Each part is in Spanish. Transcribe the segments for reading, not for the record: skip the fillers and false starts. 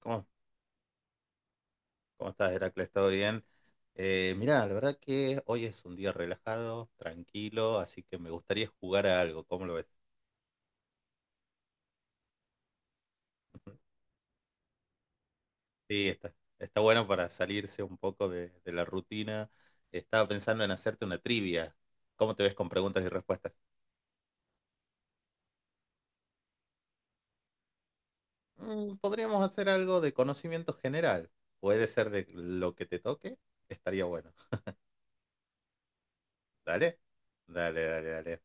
¿Cómo, cómo estás, Heracles? ¿Todo bien? Mirá, la verdad que hoy es un día relajado, tranquilo, así que me gustaría jugar a algo. ¿Cómo lo ves? Sí, está bueno para salirse un poco de la rutina. Estaba pensando en hacerte una trivia. ¿Cómo te ves con preguntas y respuestas? Mm, podríamos hacer algo de conocimiento general. Puede ser de lo que te toque. Estaría bueno. Dale, dale, dale, dale.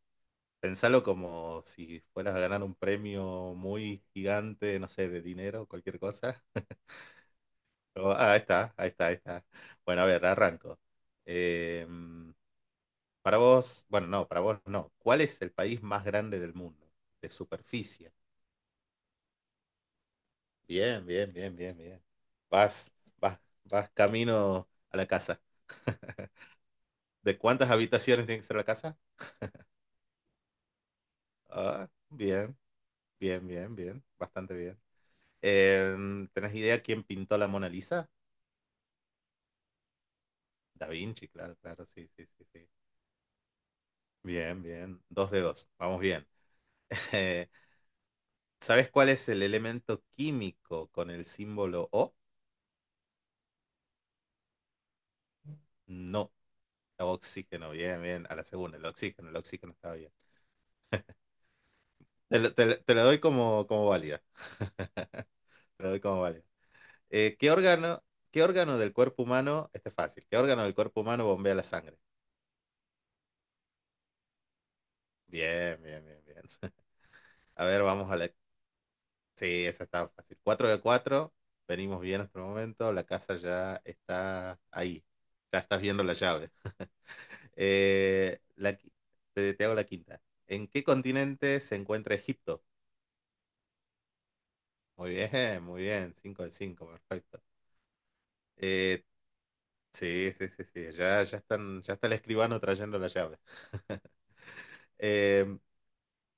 Pensalo como si fueras a ganar un premio muy gigante, no sé, de dinero, cualquier cosa. Ah, ahí está, ahí está, ahí está. Bueno, a ver, arranco. Eh, para vos, bueno, no, para vos no. ¿Cuál es el país más grande del mundo? De superficie. Bien, bien, bien, bien, bien. Vas, vas, vas camino a la casa. ¿De cuántas habitaciones tiene que ser la casa? Ah, bien, bien, bien, bien, bastante bien. ¿Tenés idea quién pintó la Mona Lisa? Da Vinci, claro, claro, sí, sí, sí, sí. Bien, bien. Dos de dos. Vamos bien. Eh, ¿Sabes cuál es el elemento químico con el símbolo O? No, oxígeno. Bien, bien. A la segunda, el oxígeno está bien. Te lo doy como, como válida. Te lo doy como válida. Eh, ¿qué órgano, ¿Qué órgano del cuerpo humano? Este es fácil. ¿Qué órgano del cuerpo humano bombea la sangre? Bien, bien, bien, bien. A ver, vamos a la... Sí, esa está fácil. 4 de 4, venimos bien hasta el momento, la casa ya está ahí, ya estás viendo la llave. Eh, la qui- te hago la quinta. ¿En qué continente se encuentra Egipto? Muy bien, muy bien. 5 de 5, perfecto. Eh, sí, sí, sí, sí, ya está el escribano trayendo la llave. Eh,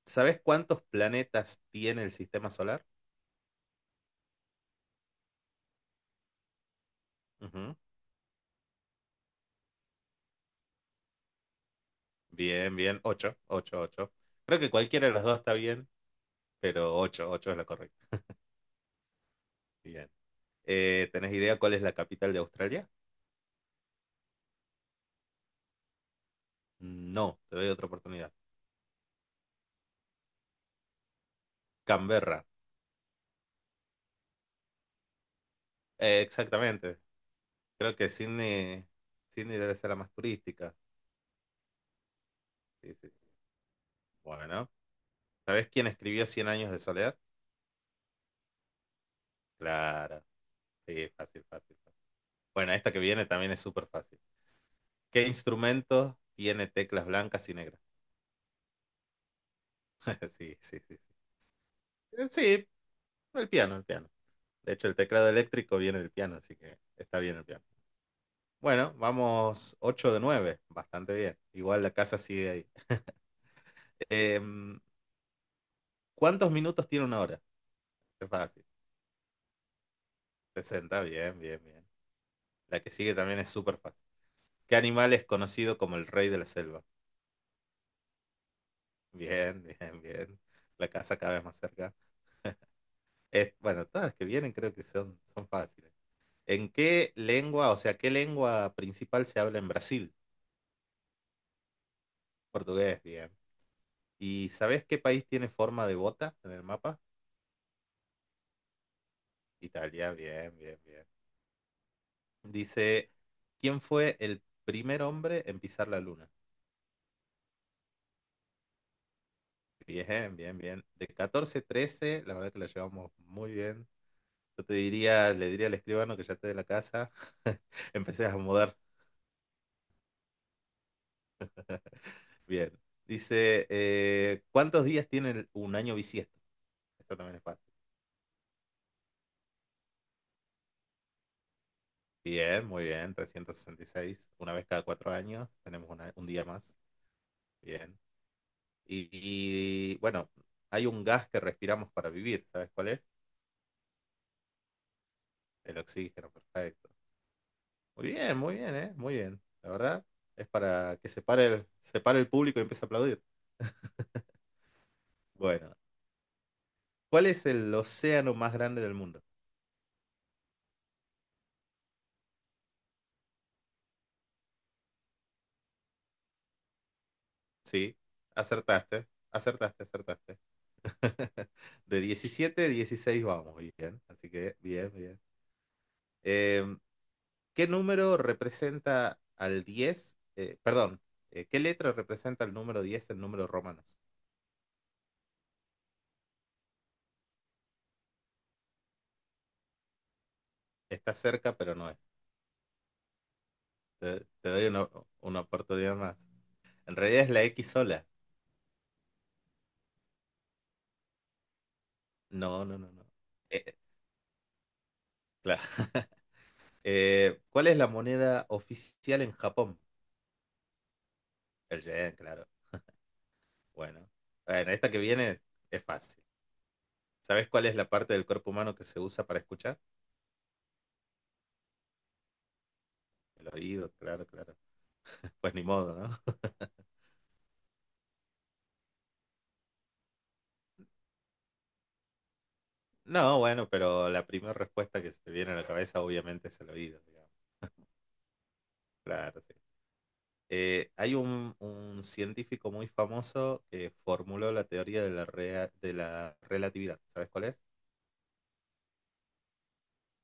¿Sabes cuántos planetas tiene el sistema solar? Ujú. Bien, bien. Ocho, ocho, ocho. Creo que cualquiera de las dos está bien, pero 8 8 es la correcta. Bien. ¿Tenés idea cuál es la capital de Australia? No, te doy otra oportunidad. Canberra. Exactamente. Creo que Sydney, Sydney debe ser la más turística. Sí, sí. Bueno, ¿sabés quién escribió Cien años de soledad? Claro. Sí, fácil, fácil, fácil. Bueno, esta que viene también es súper fácil. ¿Qué instrumento tiene teclas blancas y negras? Sí, sí, sí. Sí. Sí, el piano, el piano. De hecho, el teclado eléctrico viene del piano, así que está bien el piano. Bueno, vamos 8 de 9 bastante bien. Igual la casa sigue ahí. Em, ¿Cuántos minutos tiene una hora? Es fácil. 60, bien, bien, bien. La que sigue también es súper fácil. ¿Qué animal es conocido como el rey de la selva? Bien, bien, bien. La casa cada vez más cerca. Es, bueno, todas las que vienen creo que son fáciles. ¿En qué lengua, o sea, qué lengua principal se habla en Brasil? Portugués, bien. ¿Y sabes qué país tiene forma de bota en el mapa? Italia, bien, bien, bien. Dice, ¿quién fue el primer hombre en pisar la luna? Bien, bien, bien. De 14 13 la verdad que la llevamos muy bien. Yo le diría al escribano que ya esté de la casa. Empecé a mudar. Bien. Dice, ¿cuántos días tiene un año bisiesto? Esto también es fácil. Bien, muy bien. 366. Una vez cada 4 años tenemos un día más. Bien. Y, y, bueno, hay un gas que respiramos para vivir. ¿Sabes cuál es? El oxígeno, perfecto. Muy bien, ¿eh? Muy bien. La verdad, es para que se pare el público y empiece a aplaudir. Bueno, ¿cuál es el océano más grande del mundo? Sí, acertaste, acertaste, acertaste. De 17 a 16 vamos, bien. Así que, bien, bien. Eh, ¿Qué número representa al 10 Perdón, ¿qué letra representa el número 10 en números romanos? Está cerca, pero no es. Te doy una oportunidad más. En realidad es la X sola. No, no, no, no. Eh, eh, claro. ¿Cuál es la moneda oficial en Japón? El yen, claro. Bueno, Bueno, esta que viene es fácil. ¿Sabes cuál es la parte del cuerpo humano que se usa para escuchar? El oído, claro, claro. Pues ni modo, ¿no? No, bueno, pero la primera respuesta que se te viene a la cabeza obviamente es el oído, digamos. Claro, sí. Hay un científico muy famoso que formuló la teoría de la relatividad. ¿Sabes cuál es?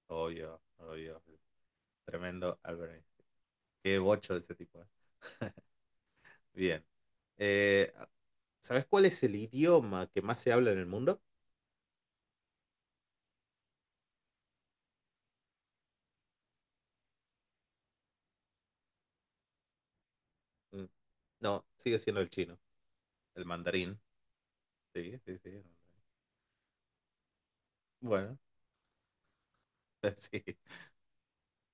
Obvio, obvio. Tremendo Albert. Qué bocho de ese tipo, ¿eh? Bien. Eh, ¿Sabes cuál es el idioma que más se habla en el mundo? Mm, no, sigue siendo el chino, el mandarín. Sí, sí, sí. Bueno, sí.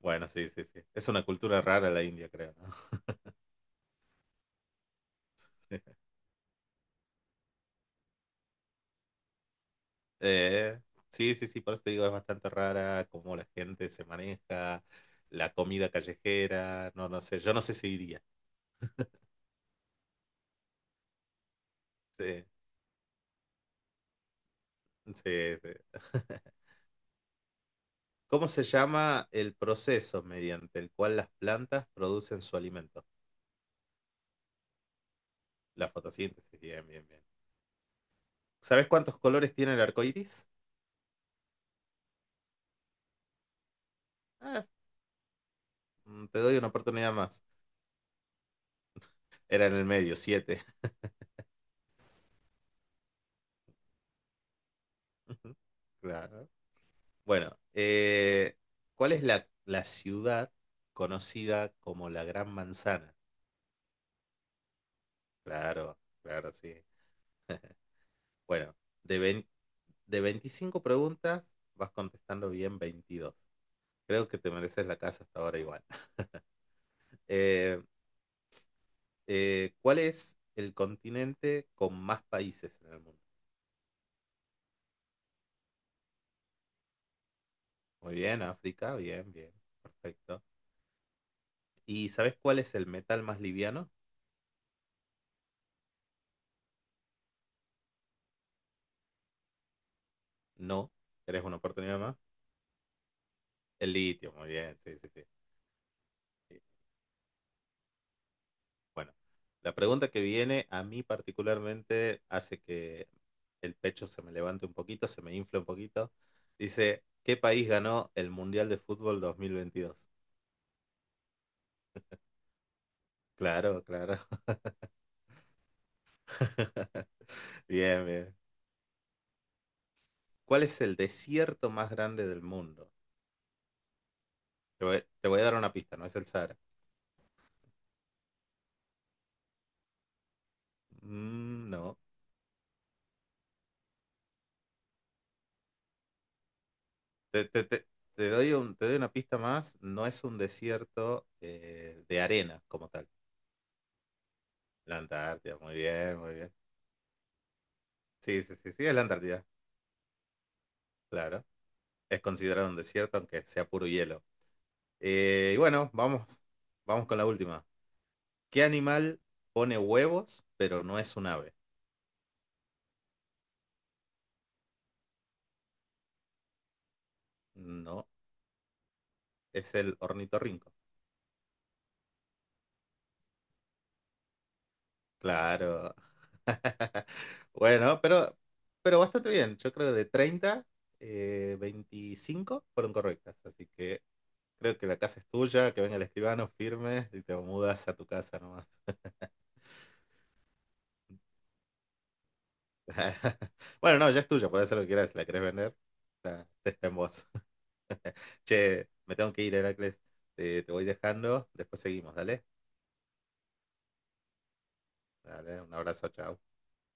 Bueno, sí, sí, sí. Es una cultura rara la India, creo, ¿no? Eh, sí, sí, sí, por eso te digo, es bastante rara cómo la gente se maneja, la comida callejera, no, no sé, yo no sé si iría. Sí, sí, sí. ¿Cómo se llama el proceso mediante el cual las plantas producen su alimento? La fotosíntesis, bien, bien, bien. ¿Sabes cuántos colores tiene el arco iris? Ah, te doy una oportunidad más. Era en el medio, siete. Claro. Bueno, ¿cuál es la ciudad conocida como la Gran Manzana? Claro, claro, sí. Bueno, de, vein- de 25 preguntas vas contestando bien 22. Creo que te mereces la casa hasta ahora igual. Eh, ¿Cuál es el continente con más países en el mundo? Muy bien, África, bien, bien, perfecto. ¿Y sabes cuál es el metal más liviano? No, ¿querés una oportunidad más? El litio, muy bien, sí, sí, sí. Sí. Bueno, la pregunta que viene a mí particularmente hace que el pecho se me levante un poquito, se me infla un poquito. Dice, ¿qué país ganó el Mundial de Fútbol 2022? Claro, claro. Bien, bien. ¿Cuál es el desierto más grande del mundo? Te voy a dar una pista, no es el Sahara. Mm, no. Te, te- te- te doy una pista más. No es un desierto de arena como tal. La Antártida, muy bien, muy bien. Sí, sí, sí, sí, es la Antártida, claro. Es considerado un desierto aunque sea puro hielo. Y bueno, vamos con la última. ¿Qué animal pone huevos pero no es un ave? No, es el ornitorrinco. Claro. Bueno, pero bastante bien. Yo creo que de 30 25 fueron correctas. Así que creo que la casa es tuya, que venga el escribano, firme y te mudas a tu casa nomás. Bueno, no, ya es tuya, puedes hacer lo que quieras. Si la querés vender, está en vos. Che, me tengo que ir, Heracles. Te voy dejando. Después seguimos, dale. Dale, un abrazo, chao.